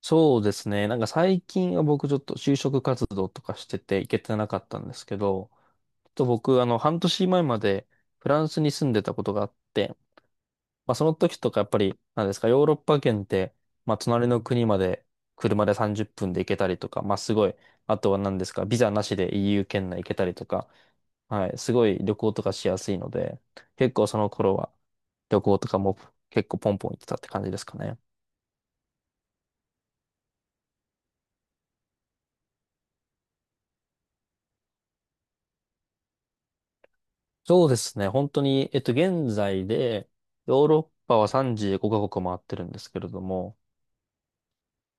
そうですね。なんか最近は僕ちょっと就職活動とかしてて行けてなかったんですけど、ちょっと僕半年前までフランスに住んでたことがあって、まあその時とかやっぱりなんですか、ヨーロッパ圏って、まあ隣の国まで車で30分で行けたりとか、まあすごい、あとは何ですか、ビザなしで EU 圏内行けたりとか、はい、すごい旅行とかしやすいので、結構その頃は旅行とかも結構ポンポン行ってたって感じですかね。そうですね。本当に、現在で、ヨーロッパは35カ国回ってるんですけれども、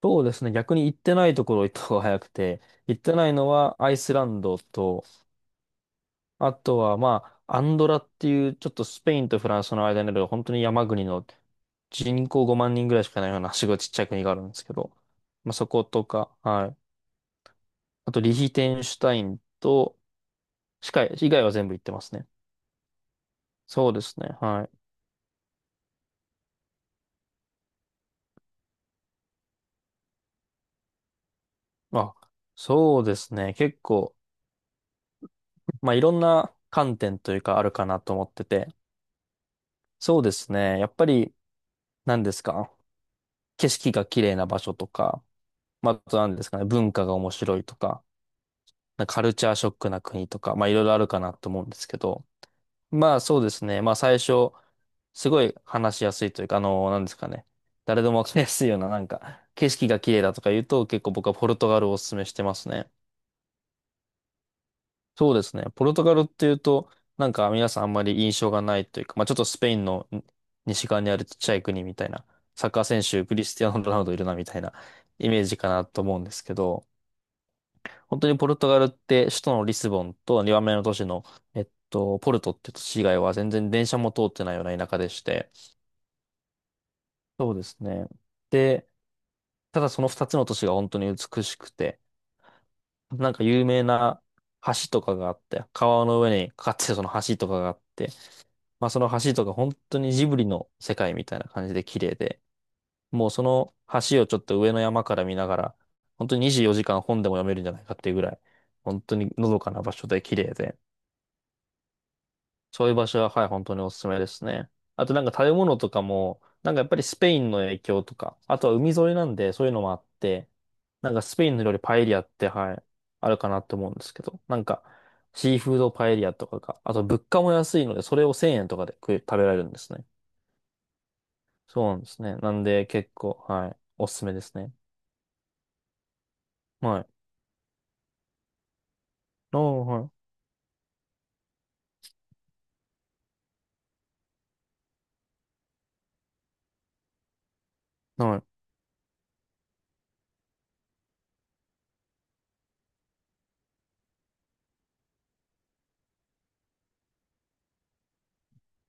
そうですね。逆に行ってないところ行った方が早くて、行ってないのはアイスランドと、あとは、まあ、アンドラっていう、ちょっとスペインとフランスの間にある、本当に山国の人口5万人ぐらいしかないような、すごいちっちゃい国があるんですけど、まあ、そことか、はい。あと、リヒテンシュタインと、以外は全部行ってますね。そうですね。はい。あ、そうですね。結構、まあ、いろんな観点というかあるかなと思ってて、そうですね。やっぱり、何ですか、景色が綺麗な場所とか、まあ、あと何ですかね、文化が面白いとか、なんかカルチャーショックな国とか、まあ、いろいろあるかなと思うんですけど、まあ、そうですね。まあ、最初、すごい話しやすいというか、何ですかね。誰でもわかりやすいような、なんか、景色が綺麗だとか言うと、結構僕はポルトガルをお勧めしてますね。そうですね。ポルトガルっていうと、なんか皆さんあんまり印象がないというか、まあちょっとスペインの西側にあるちっちゃい国みたいな、サッカー選手クリスティアーノ・ロナウドいるなみたいなイメージかなと思うんですけど、本当にポルトガルって首都のリスボンと2番目の都市の、ポルトっていう都市以外は全然電車も通ってないような田舎でして、そうですね。で、ただその2つの都市が本当に美しくて、なんか有名な橋とかがあって、川の上にかかってるその橋とかがあって、まあその橋とか本当にジブリの世界みたいな感じで綺麗で、もうその橋をちょっと上の山から見ながら、本当に24時間本でも読めるんじゃないかっていうぐらい、本当にのどかな場所で綺麗で、そういう場所ははい、本当におすすめですね。あとなんか食べ物とかも、なんかやっぱりスペインの影響とか、あとは海沿いなんでそういうのもあって、なんかスペインの料理パエリアって、はい、あるかなって思うんですけど、なんかシーフードパエリアとかが、あと物価も安いので、それを1000円とかで食べられるんですね。そうなんですね。なんで結構、はい。おすすめですね。はい。ああ、はい。はい。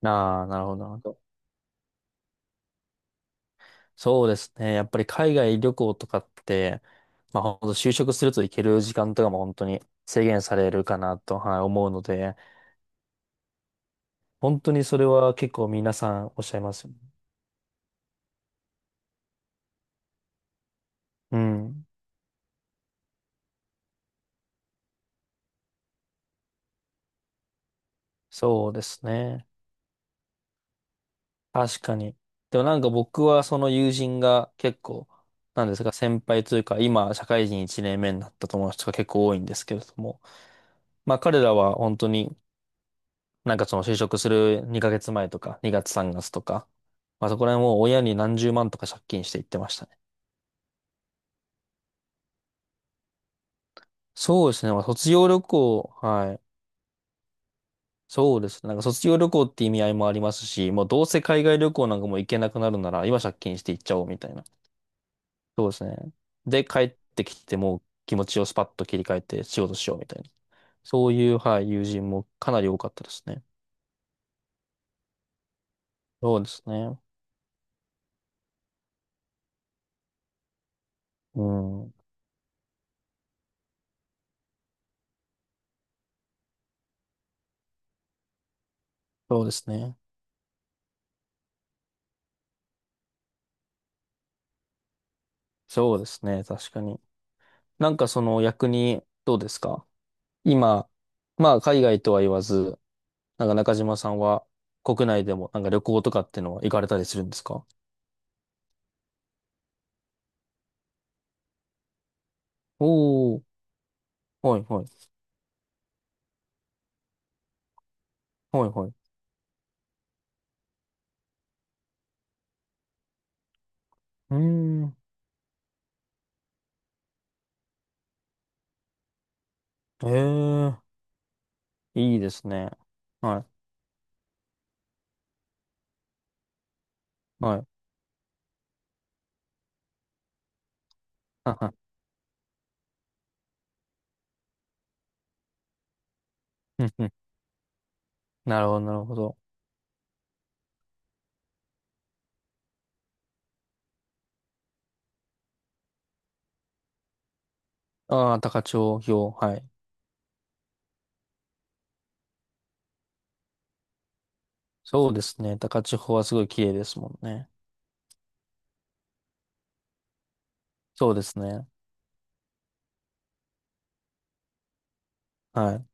ああ、なるほど、なるほど。そうですね。やっぱり海外旅行とかって、まあ本当就職すると行ける時間とかも本当に制限されるかなと、はい、思うので、本当にそれは結構皆さんおっしゃいますよね。うん。そうですね。確かに。でもなんか僕はその友人が結構、なんですか、先輩というか、今、社会人1年目になった友達とか結構多いんですけれども、まあ彼らは本当になんかその就職する2ヶ月前とか2月3月とか、まあそこら辺もう親に何十万とか借金して行ってましたね。そうですね。まあ卒業旅行、はい。そうですね。なんか卒業旅行って意味合いもありますし、もうどうせ海外旅行なんかもう行けなくなるなら今借金して行っちゃおうみたいな。そうですね。で帰ってきてもう気持ちをスパッと切り替えて仕事しようみたいな。そういう、はい、友人もかなり多かったですね。そうですね。うん。そうですね。そうですね。確かに。なんかその逆にどうですか？今、まあ海外とは言わず、なんか中島さんは国内でもなんか旅行とかってのは行かれたりするんですか？おー、はいはい、はいはい。うーん、ええいいですね。はい、はい。ははうんうんなるほど、なるほど。ああ、高千穂、はい。そうですね。高千穂はすごい綺麗ですもんね。そうですね。はい。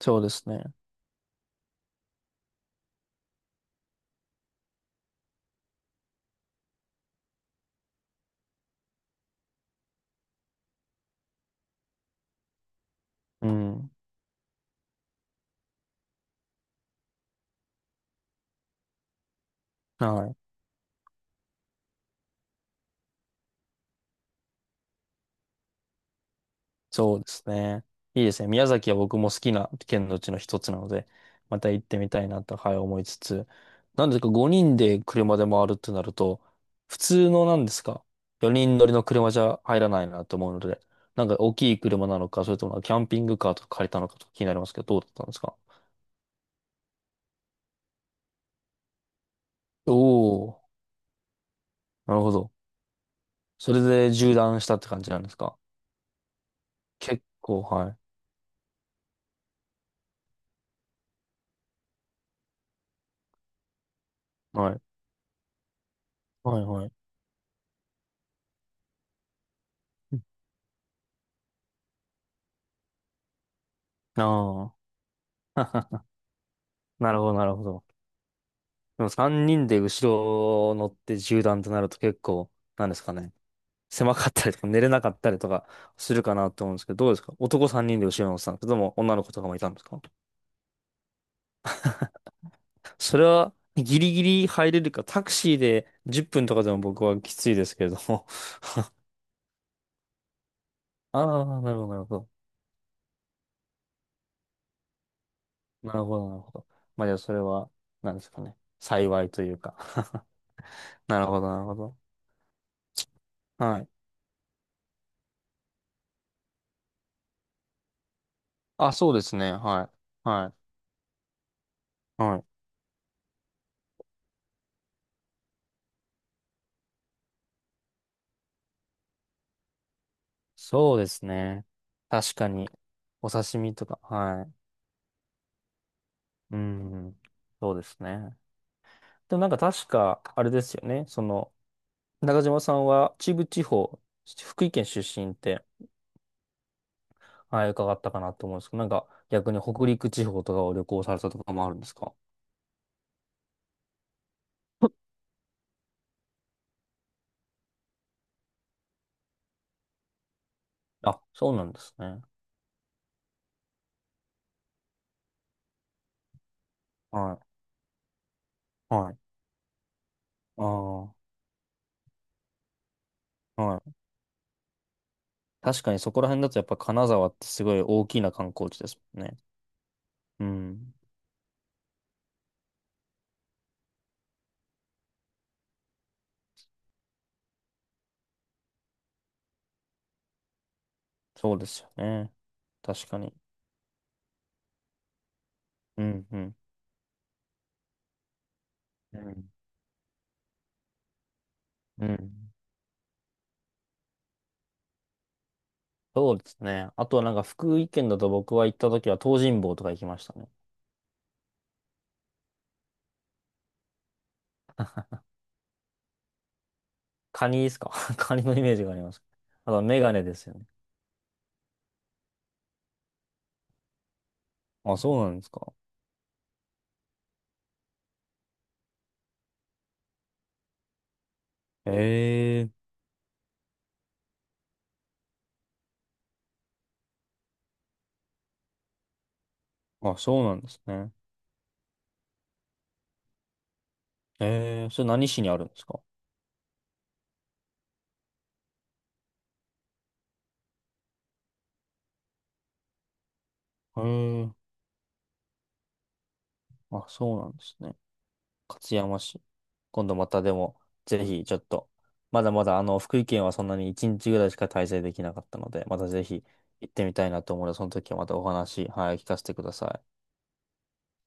そうですね。うん。はい。そうですね。いいですね。宮崎は僕も好きな県のうちの一つなので、また行ってみたいなと、はい、思いつつ。なんですか、5人で車で回るってなると、普通のなんですか、4人乗りの車じゃ入らないなと思うので、なんか大きい車なのか、それともキャンピングカーとか借りたのかとか気になりますけど、どうだったんですか？おおー、なるほど。それで縦断したって感じなんですか？結構、はい。はい。はい、はい。ああ。なるほど、なるほど。でも3人で後ろ乗って縦断となると結構、なんですかね。狭かったりとか寝れなかったりとかするかなと思うんですけど、どうですか？男3人で後ろ乗ってたんですけども、女の子とかもいたんですか？それはギリギリ入れるか、タクシーで10分とかでも僕はきついですけれども。ああ、なるほど、なるほど。なるほど、なるほど。まあじゃあそれは、なんですかね。幸いというか。 なるほど、なるほど。はい。あ、そうですね。はい。はい。はい。そうですね。確かに。お刺身とか、はい。うん、そうですね。でもなんか確か、あれですよね。中島さんは秩父地方、福井県出身って、はい、伺ったかなと思うんですけど、なんか逆に北陸地方とかを旅行されたとかもあるんですか？あ、そうなんですね。はい、はい。ああ、はい。確かにそこら辺だとやっぱ金沢ってすごい大きな観光地ですもんね。うん、そうですよね。確かに。うん、うん。うんうん。そうですね。あとはなんか福井県だと僕は行った時は東尋坊とか行きましたね。カニですか？ カニのイメージがあります。あとはメガネですよね。あ、そうなんですか。へえー。あ、そうなんですね。へえー。それ何市にあるんですか？へえー。あ、そうなんですね。勝山市。今度またでも、ぜひちょっと、まだまだ福井県はそんなに1日ぐらいしか滞在できなかったので、またぜひ行ってみたいなと思うので、その時はまたお話、はい、聞かせてください。